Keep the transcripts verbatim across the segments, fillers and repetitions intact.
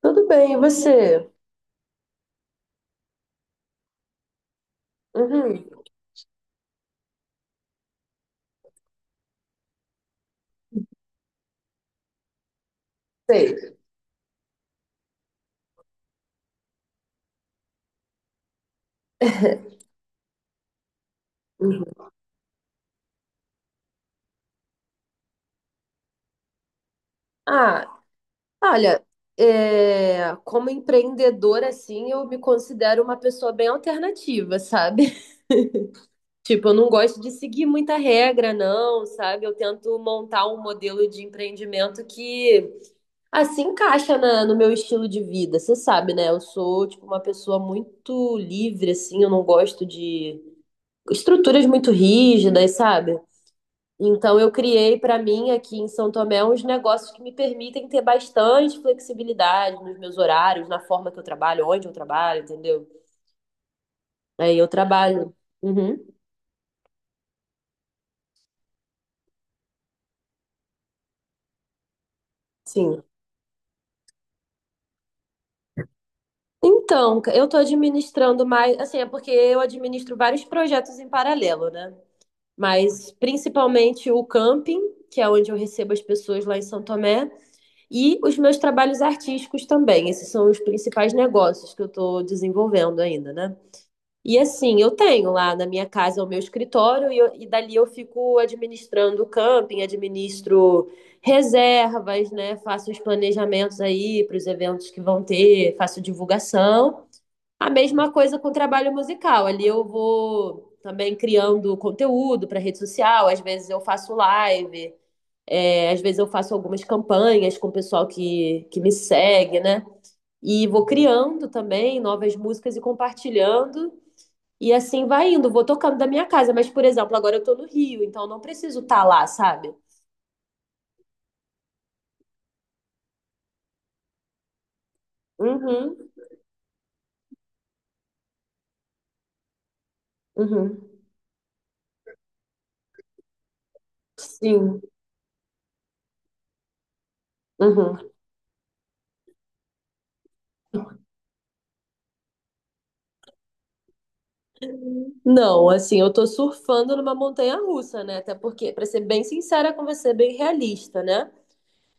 Tudo bem, e você? Uhum, sei. Uhum. Ah, olha, é, como empreendedora, assim, eu me considero uma pessoa bem alternativa, sabe? Tipo, eu não gosto de seguir muita regra, não, sabe? Eu tento montar um modelo de empreendimento que, assim, encaixa na- no meu estilo de vida, você sabe, né? Eu sou, tipo, uma pessoa muito livre, assim, eu não gosto de estruturas muito rígidas, sabe? Então, eu criei para mim aqui em São Tomé uns negócios que me permitem ter bastante flexibilidade nos meus horários, na forma que eu trabalho, onde eu trabalho, entendeu? Aí eu trabalho. Uhum, sim. Então, eu estou administrando mais, assim, é porque eu administro vários projetos em paralelo, né? Mas principalmente o camping, que é onde eu recebo as pessoas lá em São Tomé, e os meus trabalhos artísticos também. Esses são os principais negócios que eu estou desenvolvendo ainda, né? E assim, eu tenho lá na minha casa o meu escritório e, eu- e dali eu fico administrando o camping, administro reservas, né? Faço os planejamentos aí para os eventos que vão ter, faço divulgação. A mesma coisa com o trabalho musical. Ali eu vou também criando conteúdo para rede social, às vezes eu faço live, é, às vezes eu faço algumas campanhas com o pessoal que, que me segue, né? E vou criando também novas músicas e compartilhando. E assim vai indo, vou tocando da minha casa. Mas, por exemplo, agora eu tô no Rio, então eu não preciso estar lá, sabe? Uhum, uhum. Sim, uhum. Não, assim, eu tô surfando numa montanha russa, né? Até porque, pra ser bem sincera com você, bem realista, né?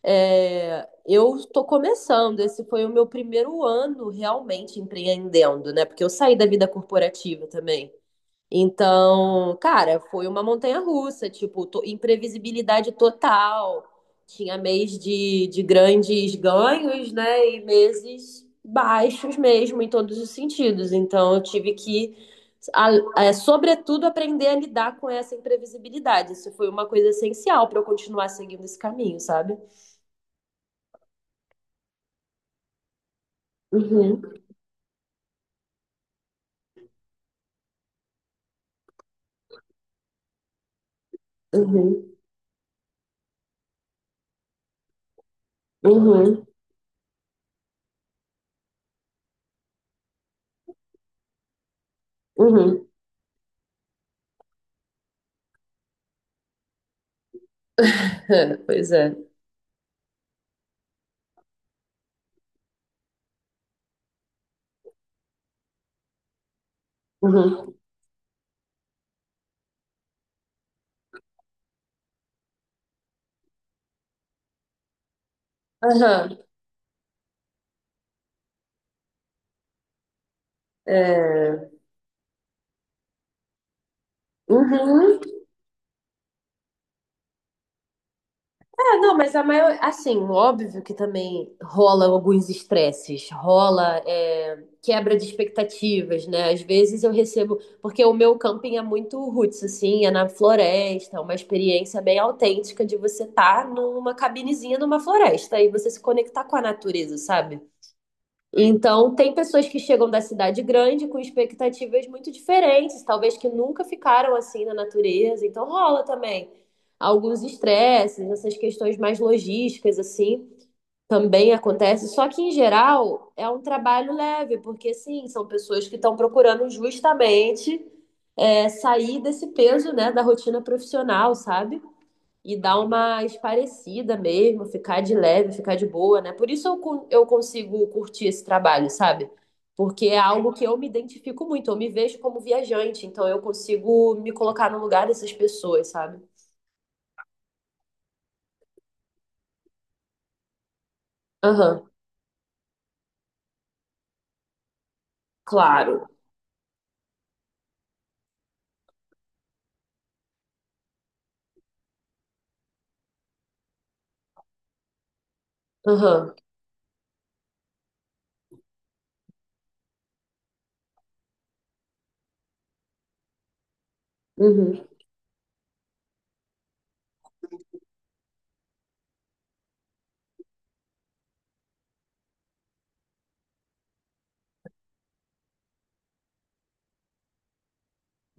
É, eu tô começando, esse foi o meu primeiro ano realmente empreendendo, né? Porque eu saí da vida corporativa também. Então, cara, foi uma montanha-russa, tipo, to- imprevisibilidade total. Tinha mês de, de grandes ganhos, né? E meses baixos mesmo, em todos os sentidos. Então, eu tive que, a- é, sobretudo, aprender a lidar com essa imprevisibilidade. Isso foi uma coisa essencial para eu continuar seguindo esse caminho, sabe? Uhum, uhum, uhum, uhum. Pois é. Uhum. Aham. É. Uhum. É, não, mas a maior, assim, óbvio que também rola alguns estresses, rola é, quebra de expectativas, né? Às vezes eu recebo, porque o meu camping é muito roots, assim, é na floresta, é uma experiência bem autêntica de você estar numa cabinezinha numa floresta e você se conectar com a natureza, sabe? Então, tem pessoas que chegam da cidade grande com expectativas muito diferentes, talvez que nunca ficaram assim na natureza. Então, rola também alguns estresses, essas questões mais logísticas, assim, também acontece. Só que, em geral, é um trabalho leve, porque, sim, são pessoas que estão procurando justamente é, sair desse peso, né, da rotina profissional, sabe? E dar uma esparecida mesmo, ficar de leve, ficar de boa, né? Por isso eu, con- eu consigo curtir esse trabalho, sabe? Porque é algo que eu me identifico muito, eu me vejo como viajante, então eu consigo me colocar no lugar dessas pessoas, sabe? Aham, claro. Aham, uhum,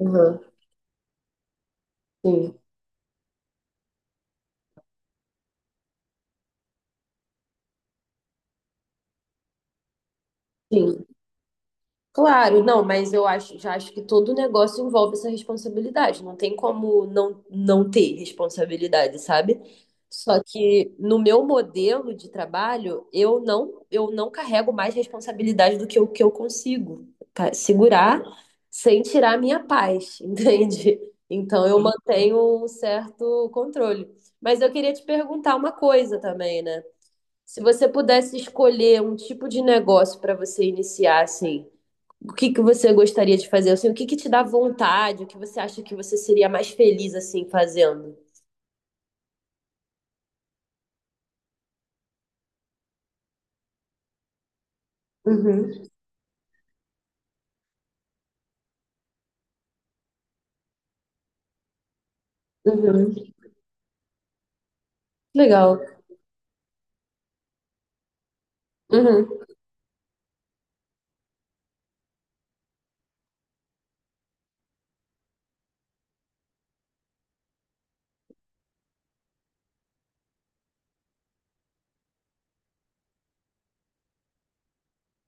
aham, sim, sim. Claro, não, mas eu acho, já acho que todo negócio envolve essa responsabilidade. Não tem como não, não ter responsabilidade, sabe? Só que no meu modelo de trabalho, eu não, eu não carrego mais responsabilidade do que o que eu consigo pa- segurar sem tirar a minha paz, entende? Então eu mantenho um certo controle. Mas eu queria te perguntar uma coisa também, né? Se você pudesse escolher um tipo de negócio para você iniciar, assim. O que que você gostaria de fazer? Assim, o que que te dá vontade? O que você acha que você seria mais feliz assim fazendo? Uhum, uhum. Legal. Uhum,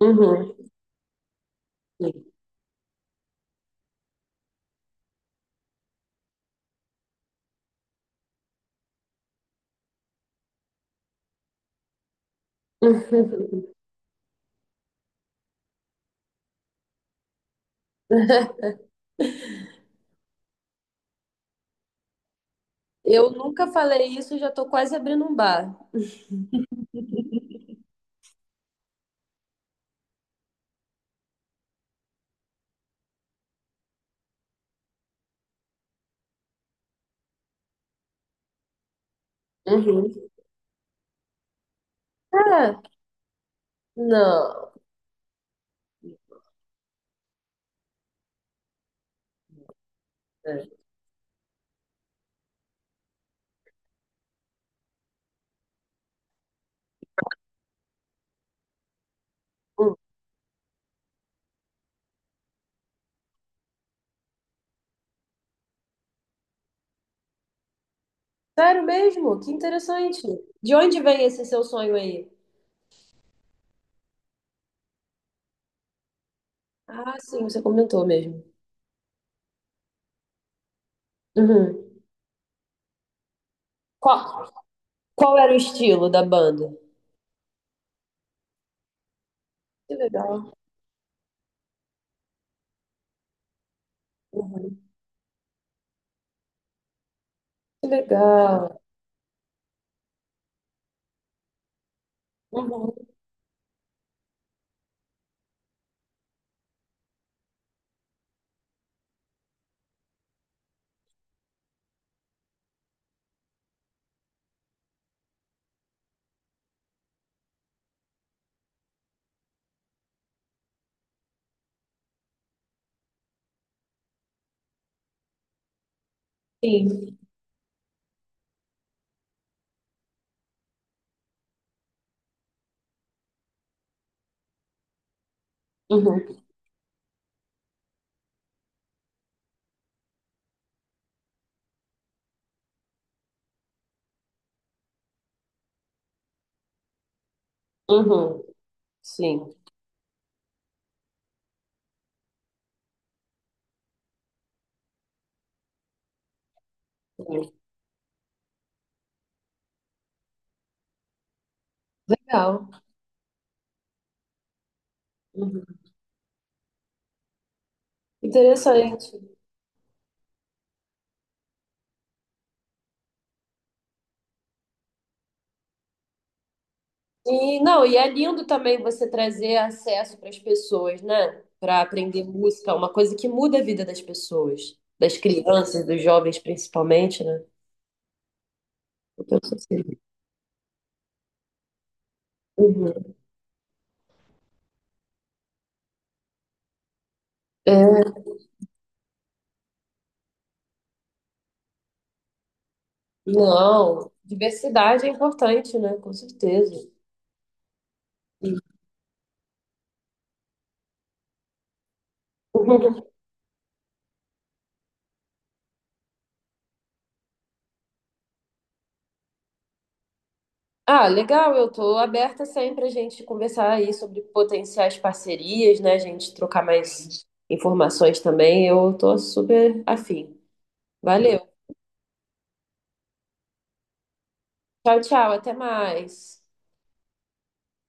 uhum. Uhum. Eu nunca falei isso, já tô quase abrindo um bar. Uhum. Ah, não. É. Hum. Sério mesmo? Que interessante. De onde vem esse seu sonho aí? Ah, sim, você comentou mesmo. Uhum. Qual, qual era o estilo da banda? Que legal. Uhum. Que legal. Uhum. Sim. Uhum, uhum, sim, sim. Legal. Uhum. Interessante. E não, e é lindo também você trazer acesso para as pessoas, né? Para aprender música, uma coisa que muda a vida das pessoas, das crianças, dos jovens principalmente, né? Eu penso assim. Uhum. Não, diversidade é importante, né? Com certeza. Ah, legal, eu estou aberta sempre a gente conversar aí sobre potenciais parcerias, né? A gente trocar mais informações também. Eu estou super afim. Valeu. Tchau, tchau, até mais.